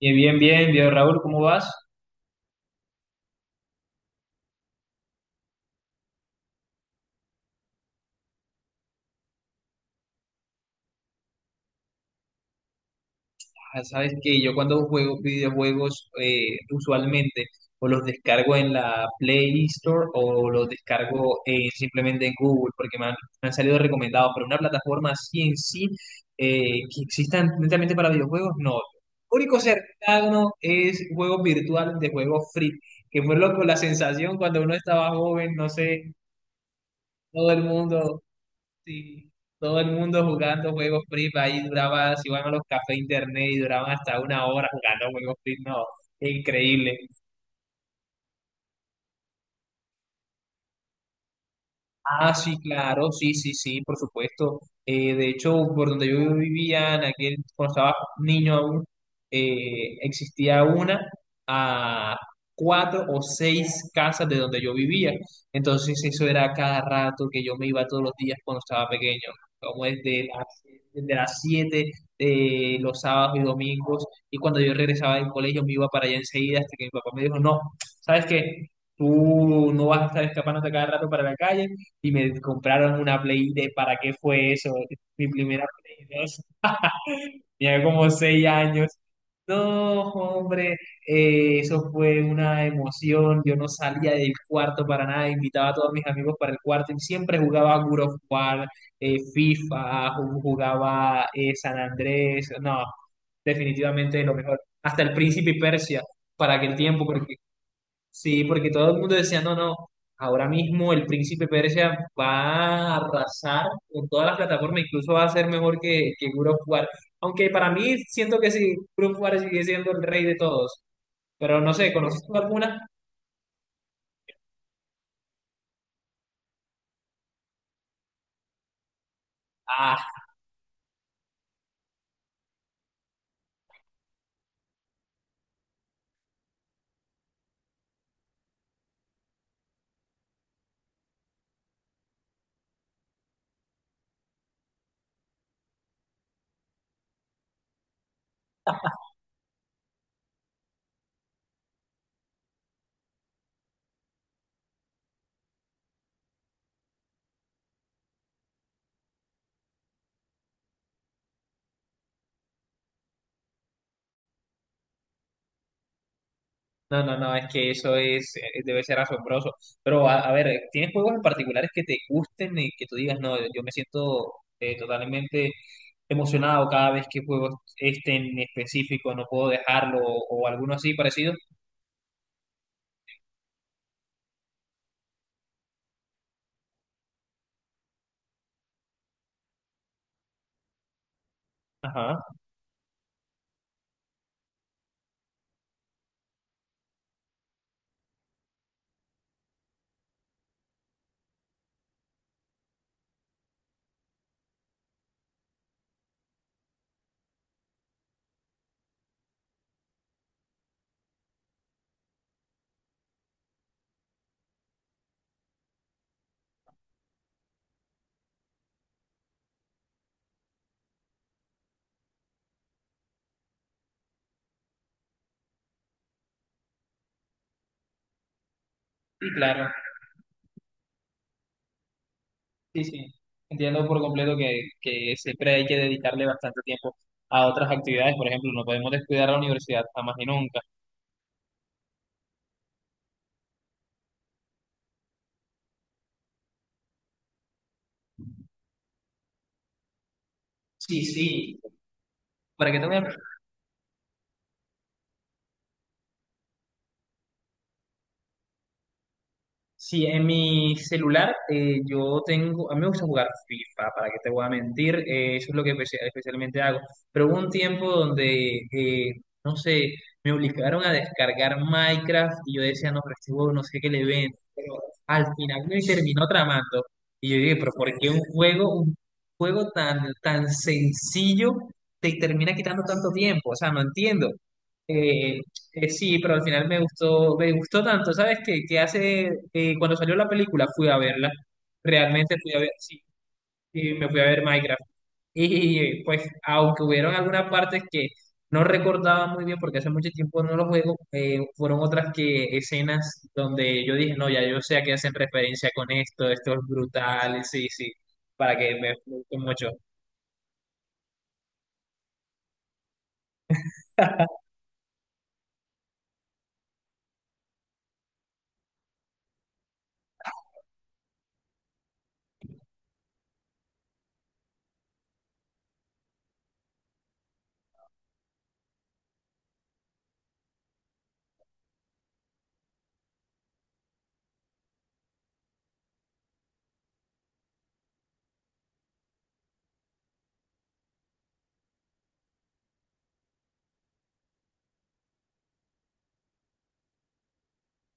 Bien, bien, bien, bien, Raúl, ¿cómo vas? Ah, sabes que yo cuando juego videojuegos usualmente o los descargo en la Play Store o los descargo simplemente en Google porque me han salido recomendados, pero una plataforma así en sí eh, que exista netamente para videojuegos, no. Lo único cercano es juegos virtuales de juegos free, que fue loco la sensación cuando uno estaba joven, no sé, todo el mundo sí, todo el mundo jugando juegos free, ahí duraba, si iban a los cafés internet y duraban hasta 1 hora jugando juegos free, no, increíble. Ah, sí, claro, sí, sí, sí, por supuesto. De hecho, por donde yo vivía, cuando estaba niño aún, existía una a cuatro o seis casas de donde yo vivía. Entonces eso era cada rato que yo me iba todos los días cuando estaba pequeño, como desde las 7, de los sábados y domingos. Y cuando yo regresaba del colegio me iba para allá enseguida hasta que mi papá me dijo, no, ¿sabes qué? Tú no vas a estar escapándote cada rato para la calle y me compraron una Play de ¿para qué fue eso? Mi primera Play 2 tenía como 6 años. No, hombre, eso fue una emoción. Yo no salía del cuarto para nada, invitaba a todos mis amigos para el cuarto y siempre jugaba a God of War, FIFA, jugaba San Andrés. No, definitivamente lo mejor. Hasta el Príncipe Persia, para aquel tiempo, porque sí, porque todo el mundo decía, no, no, ahora mismo el príncipe Persia va a arrasar con todas las plataformas, incluso va a ser mejor que God of War. Aunque para mí siento que sí, God of War sigue siendo el rey de todos. Pero no sé, ¿conoces tú alguna? Ah, no, no, no, es que eso es, debe ser asombroso. Pero a ver, ¿tienes juegos en particulares que te gusten y que tú digas, no, yo me siento totalmente emocionado cada vez que juego este en específico, no puedo dejarlo o alguno así parecido? Ajá, sí, claro, sí, sí. Entiendo por completo que siempre hay que dedicarle bastante tiempo a otras actividades. Por ejemplo, no podemos descuidar la universidad jamás y nunca. Sí, sí. ¿Para qué te voy a... Sí, en mi celular yo tengo, a mí me gusta jugar FIFA, para que te voy a mentir, eso es lo que especialmente hago. Pero hubo un tiempo donde, no sé, me obligaron a descargar Minecraft y yo decía, no, pero este juego no sé qué le ven, pero al final me terminó tramando. Y yo dije, pero ¿por qué un juego tan, tan sencillo te termina quitando tanto tiempo? O sea, no entiendo. Eh, sí, pero al final me gustó tanto, ¿sabes qué? Que hace, cuando salió la película fui a verla, realmente fui a ver, sí, sí, me fui a ver Minecraft. Y pues, aunque hubieron algunas partes que no recordaba muy bien porque hace mucho tiempo no lo juego, fueron otras que escenas donde yo dije, no, ya yo sé a qué hacen referencia con esto, esto es brutal, sí, sí, para que me gustó mucho.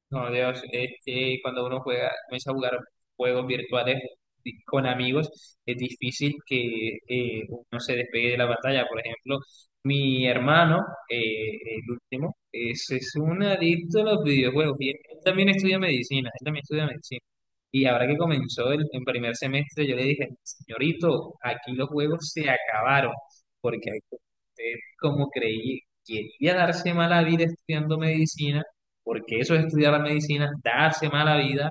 No, Dios, es que cuando uno juega, comienza a jugar juegos virtuales con amigos, es difícil que uno se despegue de la pantalla. Por ejemplo, mi hermano, el último, es un adicto a los videojuegos y él también estudia medicina, él también estudia medicina. Y ahora que comenzó el primer semestre, yo le dije, señorito, aquí los juegos se acabaron, porque usted, como creí, quería darse mala vida estudiando medicina, porque eso es estudiar la medicina, darse mala vida,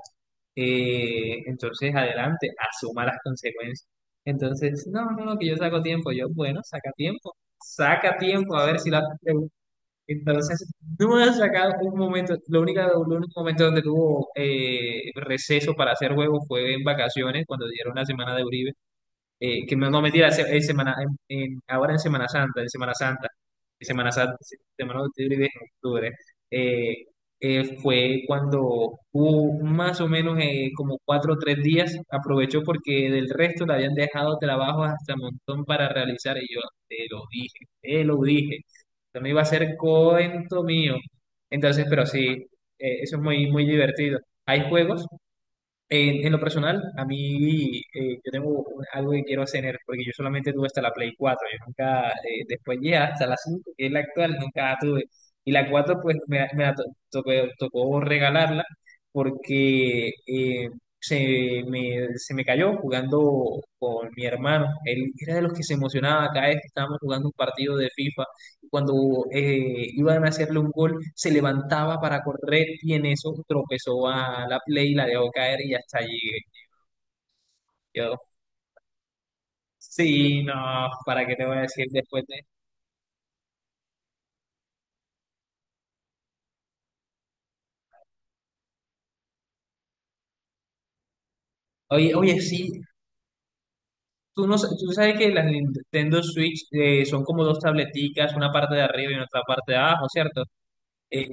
entonces adelante, asuma las consecuencias. Entonces, no, no, no, que yo saco tiempo, yo, bueno, saca tiempo, a ver si la... Entonces, no me has sacado un momento, lo único momento donde tuvo receso para hacer juego fue en vacaciones, cuando dieron la semana de Uribe que no, no mentira, en semana, ahora en Semana Santa, en Semana Santa, en Semana Santa, Semana de octubre y de octubre, eh, fue cuando hubo más o menos como 4 o 3 días, aprovechó porque del resto le habían dejado trabajos hasta montón para realizar, y yo te lo dije, no me iba a ser cuento mío, entonces, pero sí, eso es muy, muy divertido. Hay juegos en lo personal, a mí yo tengo algo que quiero hacer, porque yo solamente tuve hasta la Play 4 yo nunca, después llegué hasta la 5 que es la actual, nunca la tuve. Y la 4 pues me la to- tocó, tocó regalarla porque se me cayó jugando con mi hermano. Él era de los que se emocionaba cada vez que estábamos jugando un partido de FIFA cuando iban a hacerle un gol, se levantaba para correr y en eso tropezó a la play y la dejó caer y hasta allí... Yo, sí, no, ¿para qué te voy a decir después de... Oye, oye, sí, tú, no, tú sabes que las Nintendo Switch son como dos tableticas, una parte de arriba y otra parte de abajo, ¿cierto? Eh,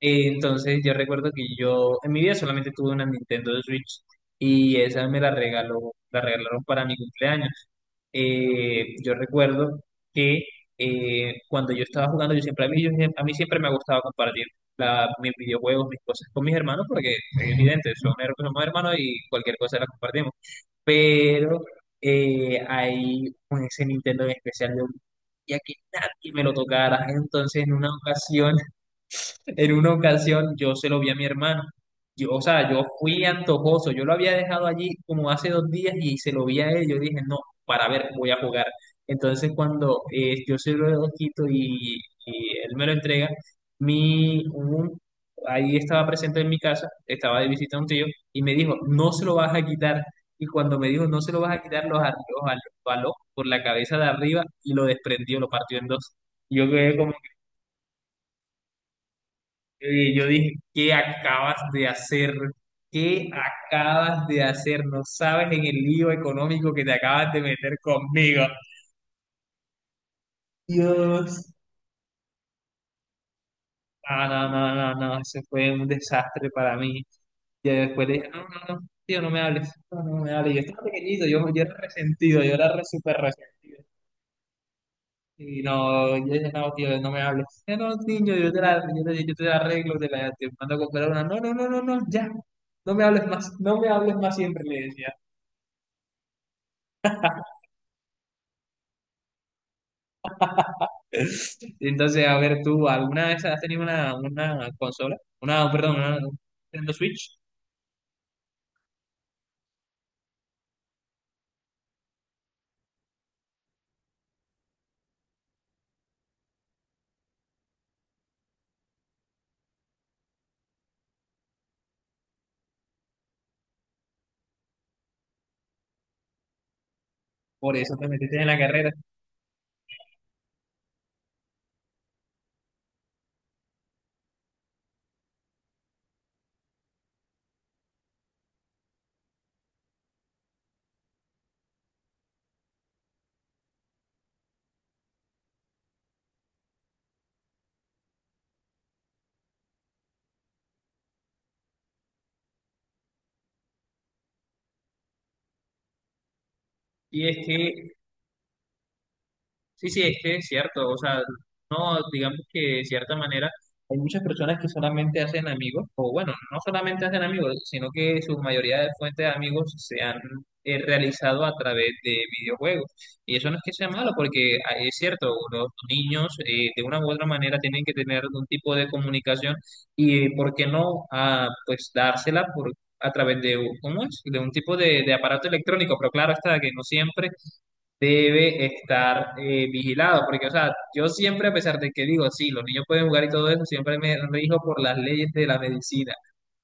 entonces yo recuerdo que yo en mi vida solamente tuve una Nintendo Switch y esa me la regaló, la regalaron para mi cumpleaños. Yo recuerdo que cuando yo estaba jugando, yo siempre, a mí, yo siem- a mí siempre me ha gustado compartir mis videojuegos, mis cosas con mis hermanos, porque es evidente, somos hermanos y cualquier cosa la compartimos. Pero hay un ese Nintendo en especial, yo ya que nadie me lo tocara. Entonces, en una ocasión yo se lo vi a mi hermano. O sea, yo fui antojoso. Yo lo había dejado allí como hace 2 días y se lo vi a él. Yo dije, no, para ver, voy a jugar. Entonces cuando yo se lo quito y él me lo entrega, mi, un- ahí estaba presente en mi casa, estaba de visita a un tío y me dijo, no se lo vas a quitar. Y cuando me dijo, no se lo vas a quitar, los arregló, jaló por la cabeza de arriba y lo desprendió, lo partió en dos. Yo quedé como... Y yo dije, ¿qué acabas de hacer? ¿Qué acabas de hacer? No sabes en el lío económico que te acabas de meter conmigo. Dios. No, no, no, no, no. Eso fue un desastre para mí. Y después dije, no, no, no, tío, no me hables. No, no me hables. Yo estaba pequeñito, yo era resentido, yo era súper resentido. Y no, yo dije, no, tío, no me hables. No, niño, yo te la arreglo, te mando a comprar una. No, no, no, no, no, ya. No me hables más, no me hables más siempre, le decía. Entonces, a ver, tú, ¿alguna vez has tenido una consola? Una, perdón, una Nintendo Switch. Por eso te metiste en la carrera. Y es que sí, sí, es que es cierto, o sea, no, digamos que de cierta manera hay muchas personas que solamente hacen amigos, o bueno, no solamente hacen amigos, sino que su mayoría de fuentes de amigos se han realizado a través de videojuegos. Y eso no es que sea malo, porque ah, es cierto, los niños de una u otra manera tienen que tener algún tipo de comunicación y, ¿por qué no? Ah, pues dársela por... A través de, ¿cómo es? De un tipo de aparato electrónico, pero claro está que no siempre debe estar vigilado, porque, o sea, yo siempre, a pesar de que digo, sí, los niños pueden jugar y todo eso, siempre me rijo por las leyes de la medicina.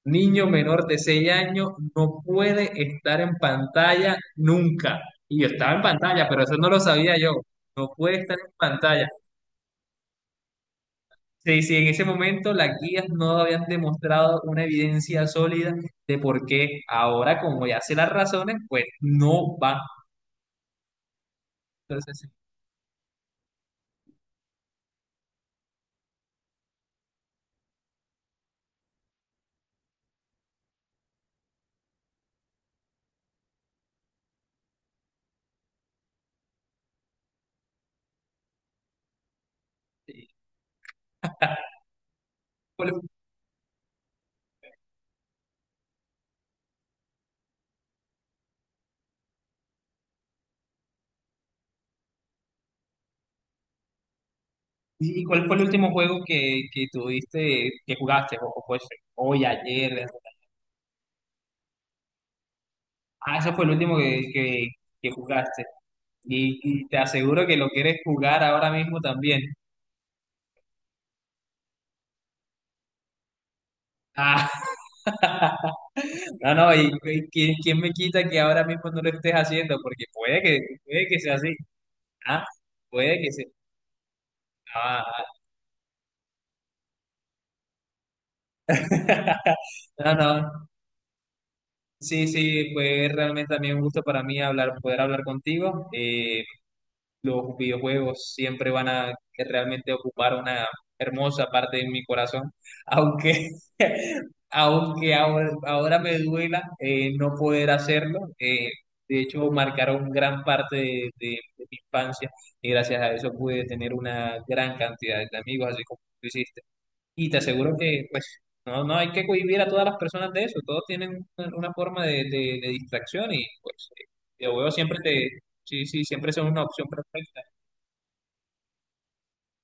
Niño menor de 6 años no puede estar en pantalla nunca. Y yo estaba en pantalla, pero eso no lo sabía yo. No puede estar en pantalla. Sí, sí, en ese momento las guías no habían demostrado una evidencia sólida de por qué ahora, como ya sé las razones, pues no va. Entonces, sí. ¿Y cuál fue el último juego que tuviste, que jugaste? O fue hoy, ayer. Ah, ese fue el último que jugaste. Y te aseguro que lo quieres jugar ahora mismo también. Ah, no, no, y ¿quién me quita que ahora mismo no lo estés haciendo? Porque puede que sea así. Ah, puede que sea. Ah. No, no. Sí, sí, fue realmente también un gusto para mí hablar, poder hablar contigo. Los videojuegos siempre van a realmente ocupar una hermosa parte de mi corazón, aunque, aunque ahora me duela no poder hacerlo. De hecho, marcaron gran parte de mi infancia y gracias a eso pude tener una gran cantidad de amigos, así como tú hiciste. Y te aseguro que, pues, no, no hay que cohibir a todas las personas de eso, todos tienen una forma de distracción y, pues, el videojuego siempre sí, sí, siempre son una opción perfecta.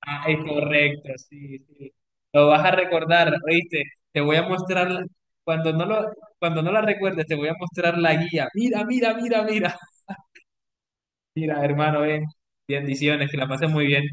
Ah, es correcto, sí, sí. Lo vas a recordar, ¿oíste? Te voy a mostrar, cuando no lo, cuando no la recuerdes, te voy a mostrar la guía. Mira, mira, mira, mira. Mira, hermano, ven. Bendiciones, que la pases muy bien.